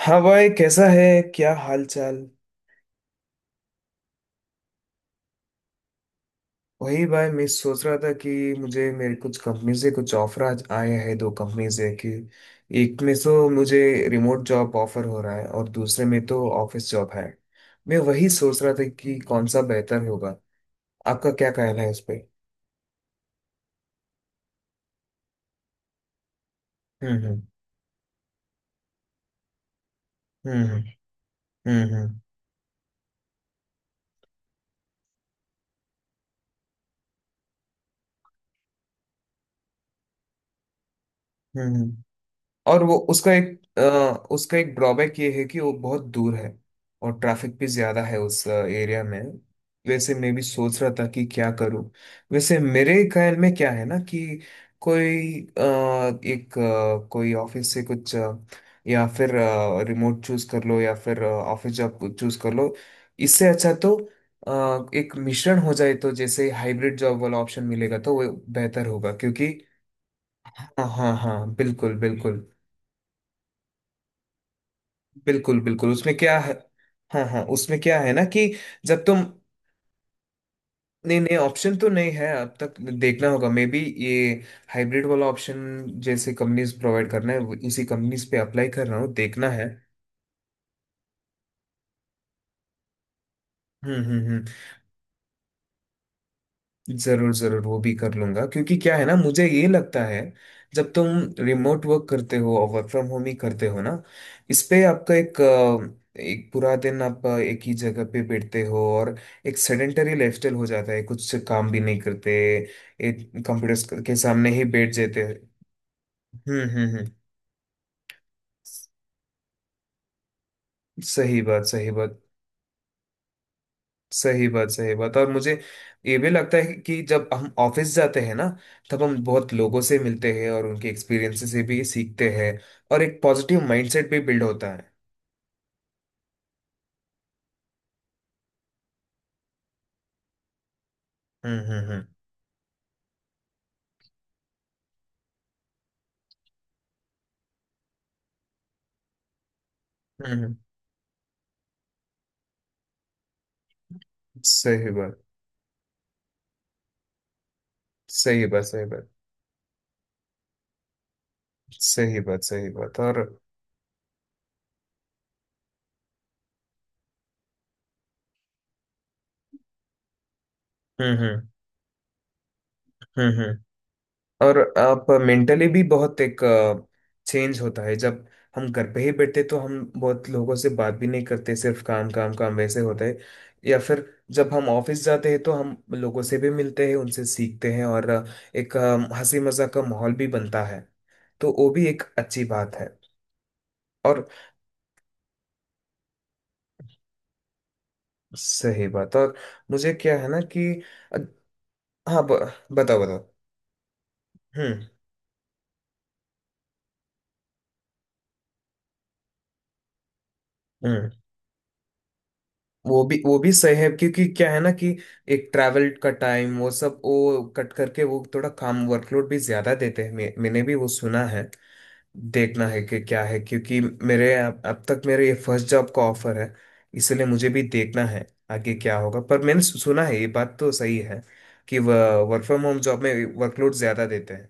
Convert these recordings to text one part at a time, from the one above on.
हाँ भाई कैसा है। क्या हाल चाल। वही भाई मैं सोच रहा था कि मुझे मेरे कुछ कंपनी से कुछ ऑफर आज आए हैं, दो कंपनी से कि एक में तो मुझे रिमोट जॉब ऑफर हो रहा है और दूसरे में तो ऑफिस जॉब है। मैं वही सोच रहा था कि कौन सा बेहतर होगा। आपका क्या कहना है इस पे। हम्म। हम्म। हम्म। हम्म। और वो उसका एक उसका एक ड्रॉबैक ये है कि वो बहुत दूर है। और ट्रैफिक भी ज्यादा है उस एरिया में। वैसे मैं भी सोच रहा था कि क्या करूं। वैसे मेरे ख्याल में क्या है ना कि कोई एक कोई ऑफिस से कुछ या फिर रिमोट चूज कर लो या फिर ऑफिस जॉब चूज कर लो। इससे अच्छा तो एक मिश्रण हो जाए तो जैसे हाइब्रिड जॉब वाला ऑप्शन मिलेगा तो वो बेहतर होगा क्योंकि। हाँ हाँ हाँ, बिल्कुल बिल्कुल। बिल्कुल बिल्कुल, उसमें क्या है। हाँ हाँ, उसमें क्या है ना कि जब तुम नहीं नहीं, ऑप्शन तो नहीं है अब तक, देखना होगा मे बी। ये हाइब्रिड वाला ऑप्शन जैसे कंपनीज प्रोवाइड करना है, उसी कंपनीज पे अप्लाई कर रहा हूँ, देखना है। हम्म। जरूर जरूर, वो भी कर लूंगा क्योंकि क्या है ना, मुझे ये लगता है जब तुम रिमोट वर्क करते हो और वर्क फ्रॉम होम ही करते हो ना, इस पे आपका एक एक पूरा दिन आप एक ही जगह पे बैठते हो और एक सेडेंटरी लाइफस्टाइल हो जाता है, कुछ काम भी नहीं करते, एक कंप्यूटर के सामने ही बैठ जाते हैं। हम्म। सही बात सही बात। सही बात सही बात, और मुझे ये भी लगता है कि जब हम ऑफिस जाते हैं ना, तब हम बहुत लोगों से मिलते हैं और उनके एक्सपीरियंसेस से भी सीखते हैं और एक पॉजिटिव माइंडसेट भी बिल्ड होता है। हम्म। हम्म हम्म, सही बात सही बात सही बात। सही बात सही बात और। हम्म हम्म हम्म। और आप मेंटली भी बहुत एक चेंज होता है, जब हम घर पे ही बैठते तो हम बहुत लोगों से बात भी नहीं करते, सिर्फ काम काम काम वैसे होता है, या फिर जब हम ऑफिस जाते हैं तो हम लोगों से भी मिलते हैं, उनसे सीखते हैं और एक हंसी मजाक का माहौल भी बनता है, तो वो भी एक अच्छी बात है। और। सही बात और मुझे क्या है ना कि अ, हाँ, बताओ बताओ। हम्म। हम्म। वो भी सही है क्योंकि क्या है ना कि एक ट्रैवल का टाइम वो सब वो कट करके वो थोड़ा काम वर्कलोड भी ज्यादा देते हैं, मैंने भी वो सुना है। देखना है कि क्या है क्योंकि मेरे अब तक मेरे ये फर्स्ट जॉब का ऑफर है, इसलिए मुझे भी देखना है आगे क्या होगा, पर मैंने सुना है ये बात तो सही है कि वर्क फ्रॉम होम जॉब में वर्कलोड ज्यादा देते हैं।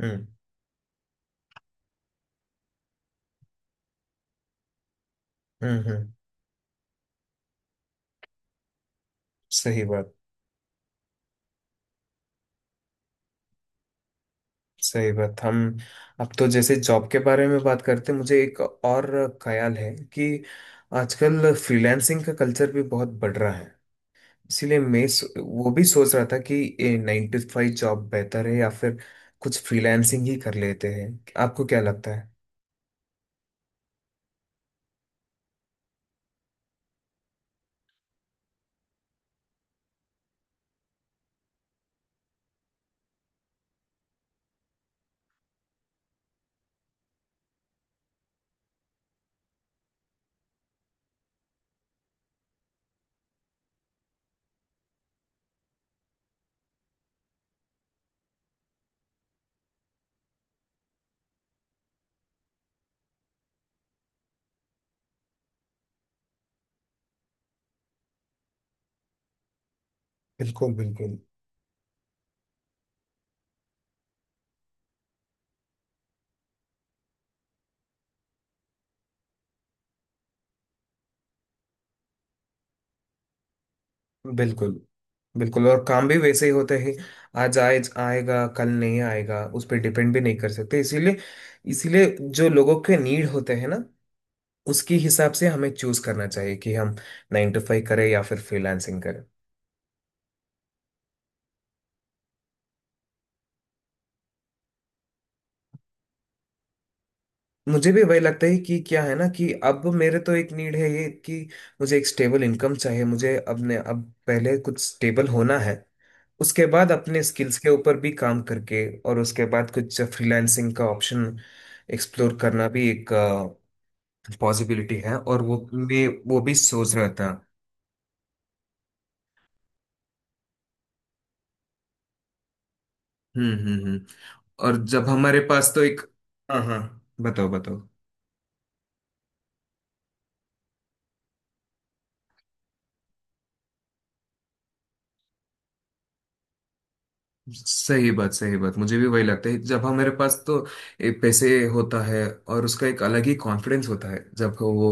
हम्म हम्म। सही बात सही बात। हम। अब तो जैसे जॉब के बारे में बात करते हैं, मुझे एक और ख्याल है कि आजकल फ्रीलांसिंग का कल्चर भी बहुत बढ़ रहा है, इसीलिए मैं वो भी सोच रहा था कि ये 9 to 5 जॉब बेहतर है या फिर कुछ फ्रीलांसिंग ही कर लेते हैं। आपको क्या लगता है। बिल्कुल बिल्कुल। बिल्कुल बिल्कुल, और काम भी वैसे ही होता है। आज आए आएगा कल नहीं आएगा, उस पर डिपेंड भी नहीं कर सकते इसीलिए। इसीलिए जो लोगों के नीड होते हैं ना, उसके हिसाब से हमें चूज करना चाहिए कि हम 9 to 5 करें या फिर फ्रीलांसिंग करें। मुझे भी वही लगता है कि क्या है ना कि अब मेरे तो एक नीड है ये कि मुझे एक स्टेबल इनकम चाहिए, मुझे अपने अब पहले कुछ स्टेबल होना है। उसके बाद अपने स्किल्स के ऊपर भी काम करके और उसके बाद कुछ फ्रीलांसिंग का ऑप्शन एक्सप्लोर करना भी एक पॉसिबिलिटी है, और वो मैं वो भी सोच रहा था। हम्म। और जब हमारे पास तो एक। हाँ हाँ, बताओ बताओ। सही बात सही बात, मुझे भी वही लगता है, जब हमारे पास तो एक पैसे होता है और उसका एक अलग ही कॉन्फिडेंस होता है, जब वो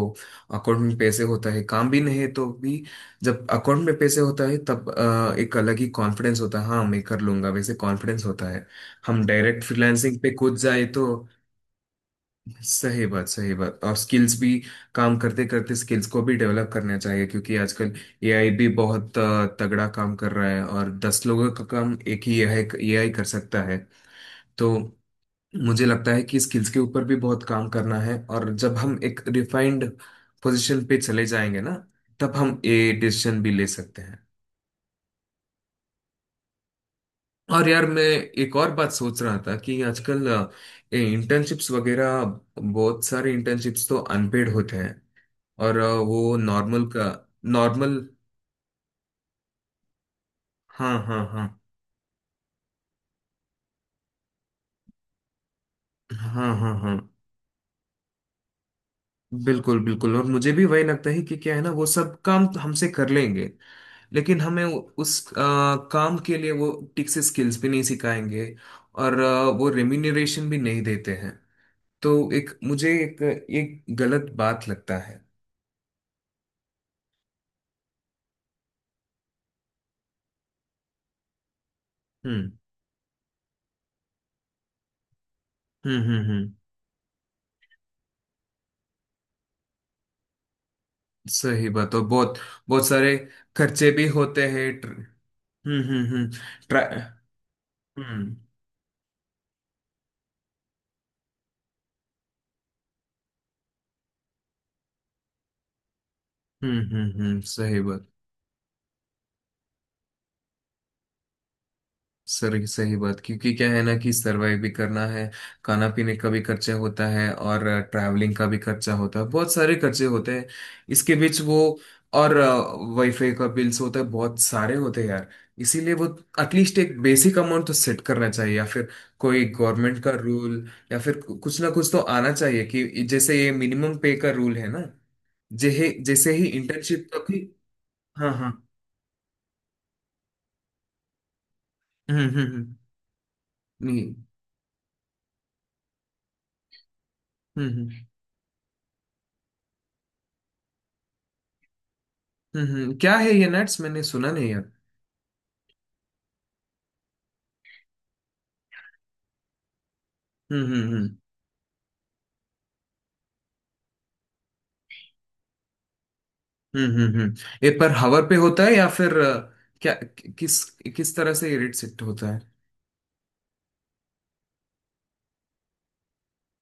अकाउंट में पैसे होता है, काम भी नहीं है तो भी। जब अकाउंट में पैसे होता है तब एक अलग ही कॉन्फिडेंस होता है, हाँ मैं कर लूंगा वैसे कॉन्फिडेंस होता है। हम डायरेक्ट फ्रीलांसिंग पे कूद जाए तो। सही बात सही बात, और स्किल्स भी काम करते करते स्किल्स को भी डेवलप करना चाहिए, क्योंकि आजकल एआई भी बहुत तगड़ा काम कर रहा है, और 10 लोगों का काम एक ही एआई एआई कर सकता है। तो मुझे लगता है कि स्किल्स के ऊपर भी बहुत काम करना है, और जब हम एक रिफाइंड पोजीशन पे चले जाएंगे ना, तब हम ये डिसीजन भी ले सकते हैं। और यार मैं एक और बात सोच रहा था कि आजकल इंटर्नशिप्स वगैरह, बहुत सारे इंटर्नशिप्स तो अनपेड होते हैं, और वो नॉर्मल का नॉर्मल। हाँ हाँ हाँ। हाँ हाँ हाँ। बिल्कुल बिल्कुल, और मुझे भी वही लगता है कि क्या है ना, वो सब काम तो हमसे कर लेंगे, लेकिन हमें उस काम के लिए वो ठीक से स्किल्स भी नहीं सिखाएंगे, और वो रेम्यूनरेशन भी नहीं देते हैं। तो एक मुझे एक एक गलत बात लगता है। हम्म हम्म। सही बात और बहुत। बहुत सारे खर्चे भी होते हैं हम्म। ट्रा- हम्म हम्म। सही बात, सर सही बात, क्योंकि क्या है ना कि सरवाइव भी करना है। खाना पीने का भी खर्चा होता है और ट्रैवलिंग का भी खर्चा होता है, बहुत सारे खर्चे होते हैं, इसके बीच वो। और वाईफाई का बिल्स होता है, बहुत सारे होते हैं यार। इसीलिए वो एटलीस्ट एक बेसिक अमाउंट तो सेट करना चाहिए, या फिर कोई गवर्नमेंट का रूल, या फिर कुछ ना कुछ तो आना चाहिए कि जैसे ये मिनिमम पे का रूल है ना, जैसे जैसे ही इंटर्नशिप का भी। हाँ हाँ। हम्म। नहीं। हम्म हम्म क्या है ये नट्स, मैंने सुना नहीं है। हम्म। हम्म हम्म हम्म। ये पर हवर पे होता है या फिर क्या किस किस तरह से इरिटेट होता है।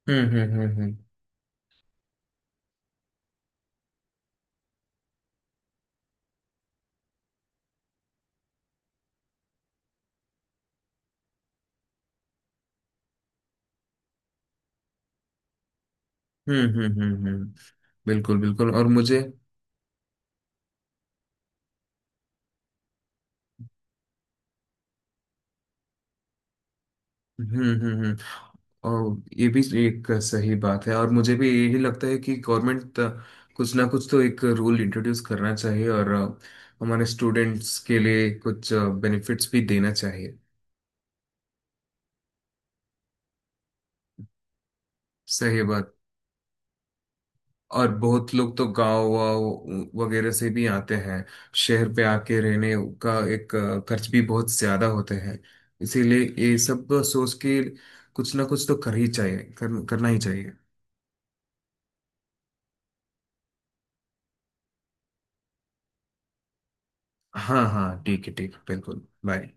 हम्म। हम्म हम्म हम्म हम्म। बिल्कुल बिल्कुल और मुझे। हम्म। और ये भी एक सही बात है, और मुझे भी यही लगता है कि गवर्नमेंट कुछ ना कुछ तो एक रूल इंट्रोड्यूस करना चाहिए, और हमारे स्टूडेंट्स के लिए कुछ बेनिफिट्स भी देना चाहिए। सही बात, और बहुत लोग तो गांव वाव वगैरह से भी आते हैं, शहर पे आके रहने का एक खर्च भी बहुत ज्यादा होते हैं। इसीलिए ये सब सोच के कुछ ना कुछ तो कर ही चाहिए, करना ही चाहिए। हाँ हाँ, ठीक है ठीक है, बिल्कुल, बाय।